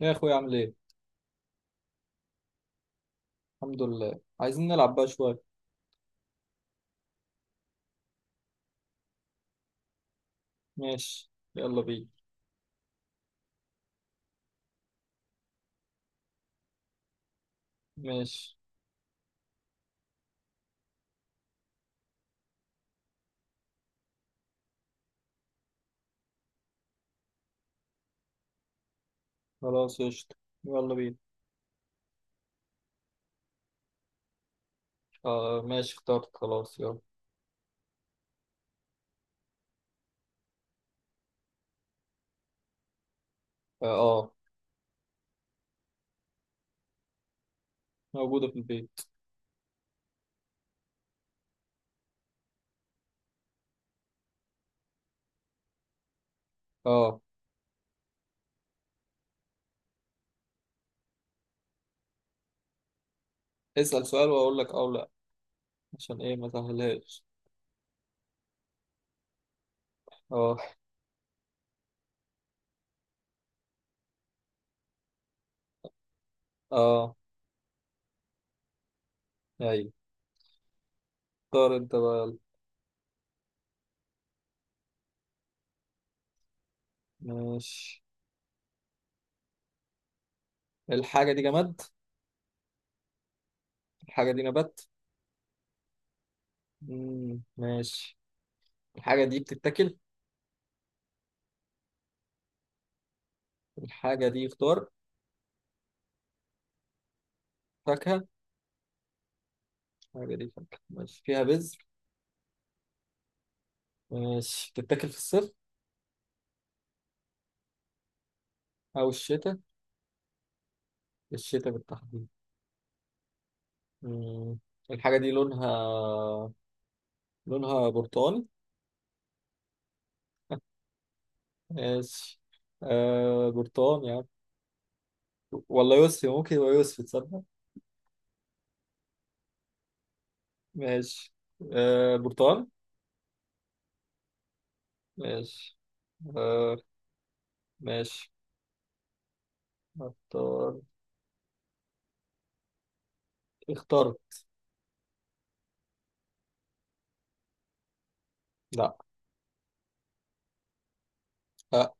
يا اخويا، عامل ايه؟ الحمد لله. عايزين نلعب بقى شويه. ماشي. يلا بينا. ماشي، خلاص قشطة. يلا بينا. آه ماشي، اخترت خلاص. يلا. اه. آه، موجوده في البيت. اه، اسأل سؤال واقول لك اه ولا. عشان ايه ما سهلهاش؟ اه، اه، ايوه. اختار انت بقى يلا. ماشي. الحاجه دي جماد؟ الحاجه دي نبات؟ مم. ماشي. الحاجه دي بتتاكل؟ الحاجه دي خضار؟ فاكهه. الحاجه دي فاكهه. ماشي، فيها بذر؟ ماشي، بتتاكل في الصيف أو الشتاء. الشتاء بالتحديد. مم. الحاجة دي لونها، لونها برتقاني. ماشي. آه، برتقاني يعني. ولا يوسفي؟ ممكن يبقى يوسفي، تصدق؟ ماشي. آه، برتقاني. ماشي. آه ماشي، اختار، اختار. لا. اه.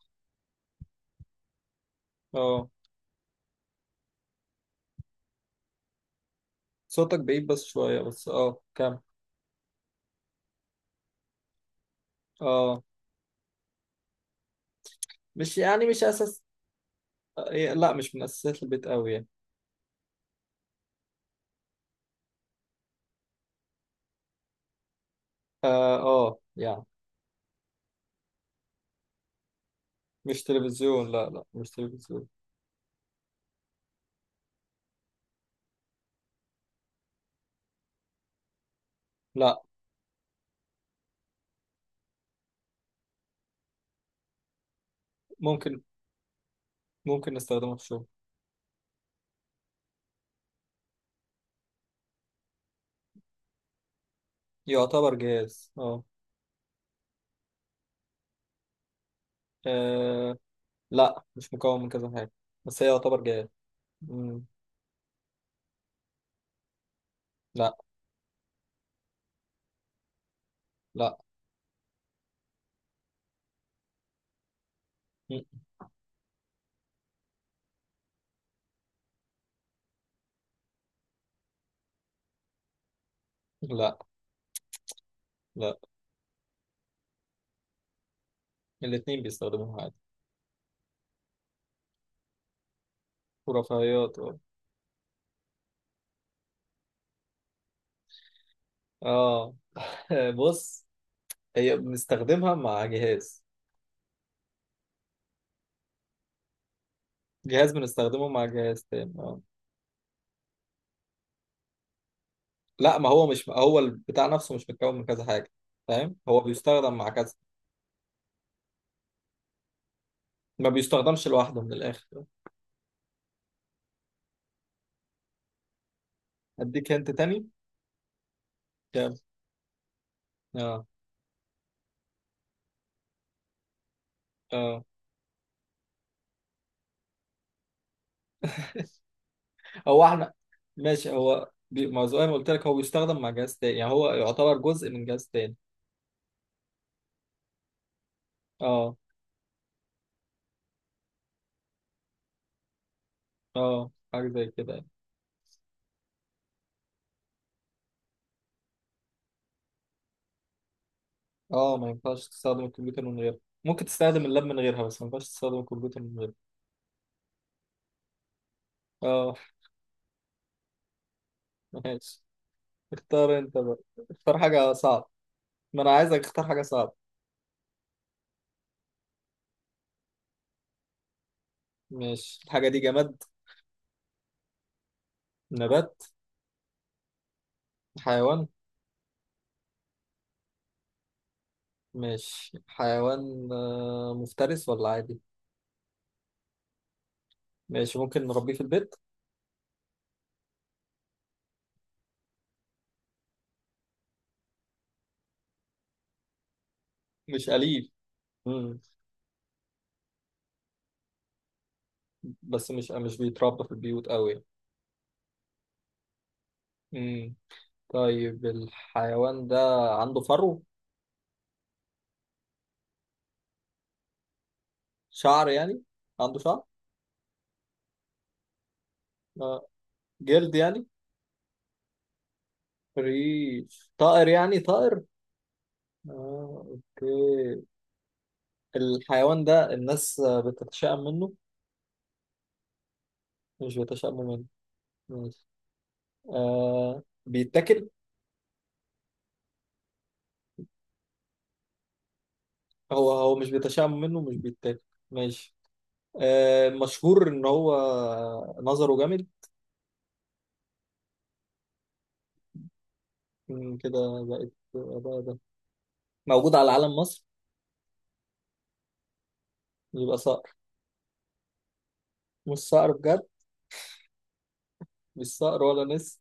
اه. صوتك بعيد بس شوية، بس اه كم. اه. مش يعني، مش أساس. إيه، لا مش من أساسات البيت أوي يعني. اه. آه، يعني. مش تلفزيون، لا لا، مش تلفزيون. لا. ممكن، ممكن نستخدمه في الشغل. يعتبر جهاز. اه. آه، لا، مش مكون من كذا حاجة. بس هي يعتبر جهاز. مم. لا لا. مم. لا لا. الاتنين بيستخدموها عادي. ورفاهيات، اه. آه. بص. هي بنستخدمها مع جهاز. جهاز بنستخدمه مع جهاز تاني، اه. لا، ما هو مش هو البتاع نفسه، مش متكون من كذا حاجة. فاهم، هو بيستخدم مع كذا. ما بيستخدمش لوحده من الآخر. أديك هنت تاني. كام. اه، اه. هو احنا ماشي، ما زي ما قلت لك، هو بيستخدم مع جهاز تاني، يعني هو يعتبر جزء من جهاز تاني. اه. اه، حاجة زي كده يعني. اه، ما ينفعش تستخدم الكمبيوتر من غيرها. ممكن تستخدم اللاب من غيرها، بس ما ينفعش تستخدم الكمبيوتر من غيرها. اه. ماشي، اختار انت بقى. اختار حاجة صعبة. ما انا عايزك تختار حاجة صعبة. ماشي. الحاجة دي جماد؟ نبات؟ حيوان؟ ماشي، حيوان. مفترس ولا عادي؟ ماشي، ممكن نربيه في البيت؟ مش أليف. مم. بس مش بيتربى في البيوت قوي. مم. طيب، الحيوان ده عنده فرو؟ شعر يعني، عنده شعر؟ آه. جلد يعني. ريش، طائر يعني، طائر. آه. اوكي. الحيوان ده الناس بتتشائم منه؟ مش بيتشائموا منه. ماشي. آه. بيتاكل؟ هو مش بيتشائم منه، مش بيتاكل. ماشي. آه. مشهور ان هو نظره جامد. مم، كده. بقت بقى ده. موجود على علم مصر؟ يبقى صقر. مش صقر بجد؟ مش صقر ولا نسر.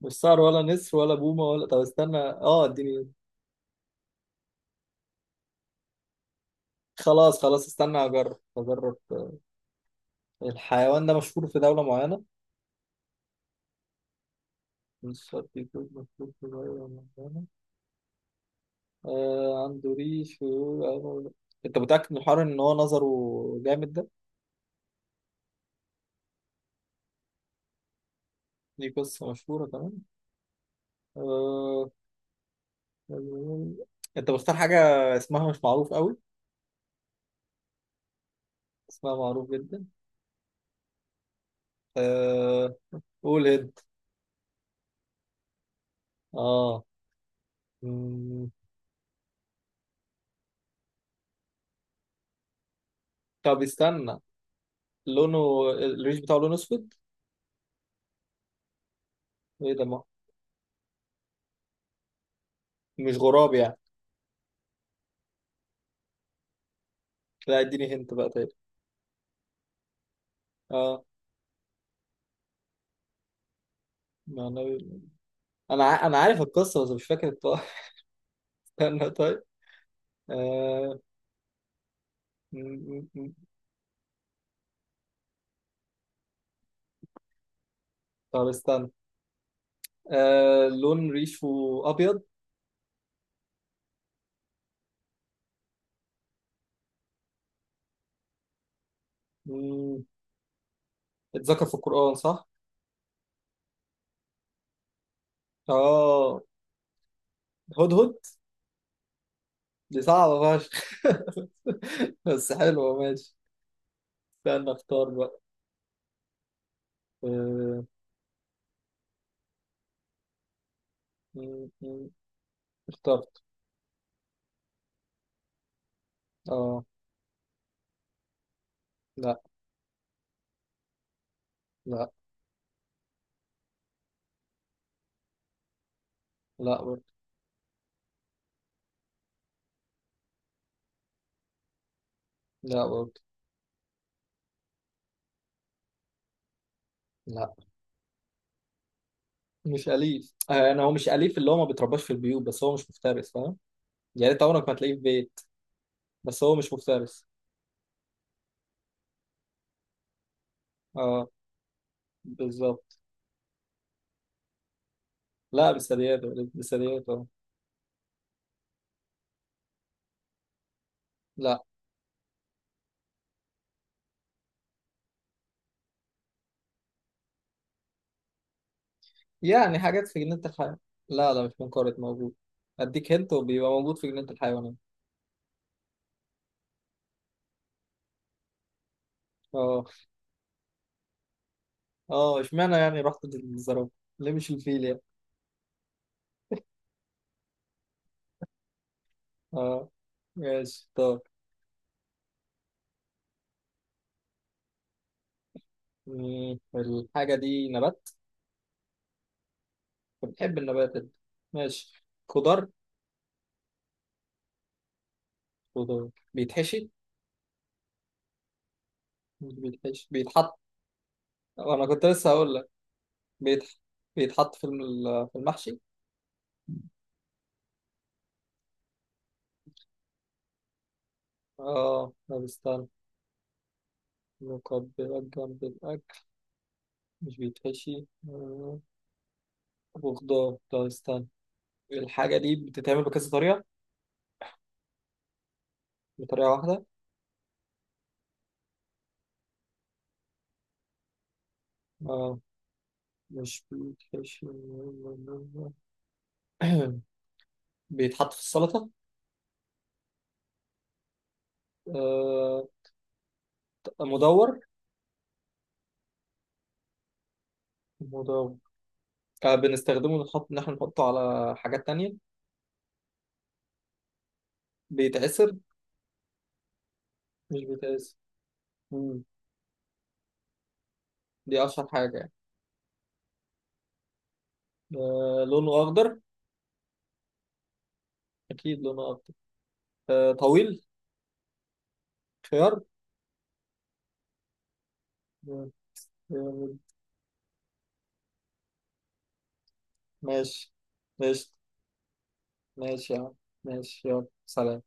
مش صار ولا نسر ولا بومة ولا، طب استنى، اه، اديني. خلاص خلاص، استنى اجرب اجرب. الحيوان ده مشهور في دولة معينة؟ مش شرط يكون مشهور في دولة معينة. آه، عنده ريش ويقول. انت متأكد من الحوار ان هو نظره جامد ده؟ دي قصة مشهورة كمان. آه... انت بختار حاجة اسمها مش معروف قوي؟ اسمها معروف جدا. آه... قول انت. اه. مم. طب استنى. لونه، الريش بتاعه، لون اسود؟ ايه ده. مش غراب يعني؟ لا، اديني هنت بقى تاني. اه. مع النبي. انا عارف القصه، بس مش فاكر الطائر. استنى طيب. آه... م- م- م. طب استنى. لون ريشه ابيض؟ م، اتذكر في القران، صح؟ اه. هدهد. دي صعبه فشخ. بس حلوه. ماشي. استنى، اختار بقى. آه... م- م. اخترت. اه. لا. لا. لا برضه. لا برضه. لا، مش أليف. أنا، هو مش أليف، اللي هو ما بيترباش في البيوت، بس هو مش مفترس، فاهم. يعني أنت عمرك ما هتلاقيه في بيت. بس هو مش مفترس. أه. بالظبط. لا، بثدييات. بثدييات، أه. لا. يعني حاجات في جنينة الحيوان. لا لا، مش منقرض، موجود. أديك هنت، وبيبقى موجود في جنينة الحيوانات. أه. أه، إشمعنى يعني رحت للزرافة؟ ليه مش الفيل يعني؟ أه. ماشي، طب. مم، الحاجة دي نبات؟ بتحب النبات أنت. ماشي. خضار؟ خضار بيتحشي؟ مش بيتحشي، بيتحط. وانا كنت لسه هقول لك. بيتح... بيتحط في المحشي. اه، ما بيستنى. مقبلات جنب الاكل. مش بيتحشي. وخضار. ده، استنى. الحاجه دي بتتعمل بكذا طريقه؟ بطريقه واحده؟ اه. مش بيتحشي. بيتحط في السلطه. آه. مدور. مدور. آه، بنستخدمه، ان احنا نحطه على حاجات تانية. بيتعسر؟ مش بيتعسر. مم. دي اشهر حاجه يعني. آه، لونه اخضر؟ اكيد لونه اكتر. آه، طويل؟ خيار. آه. آه. ماشي ماشي ماشي يا عم. ماشي، يلا، سلام.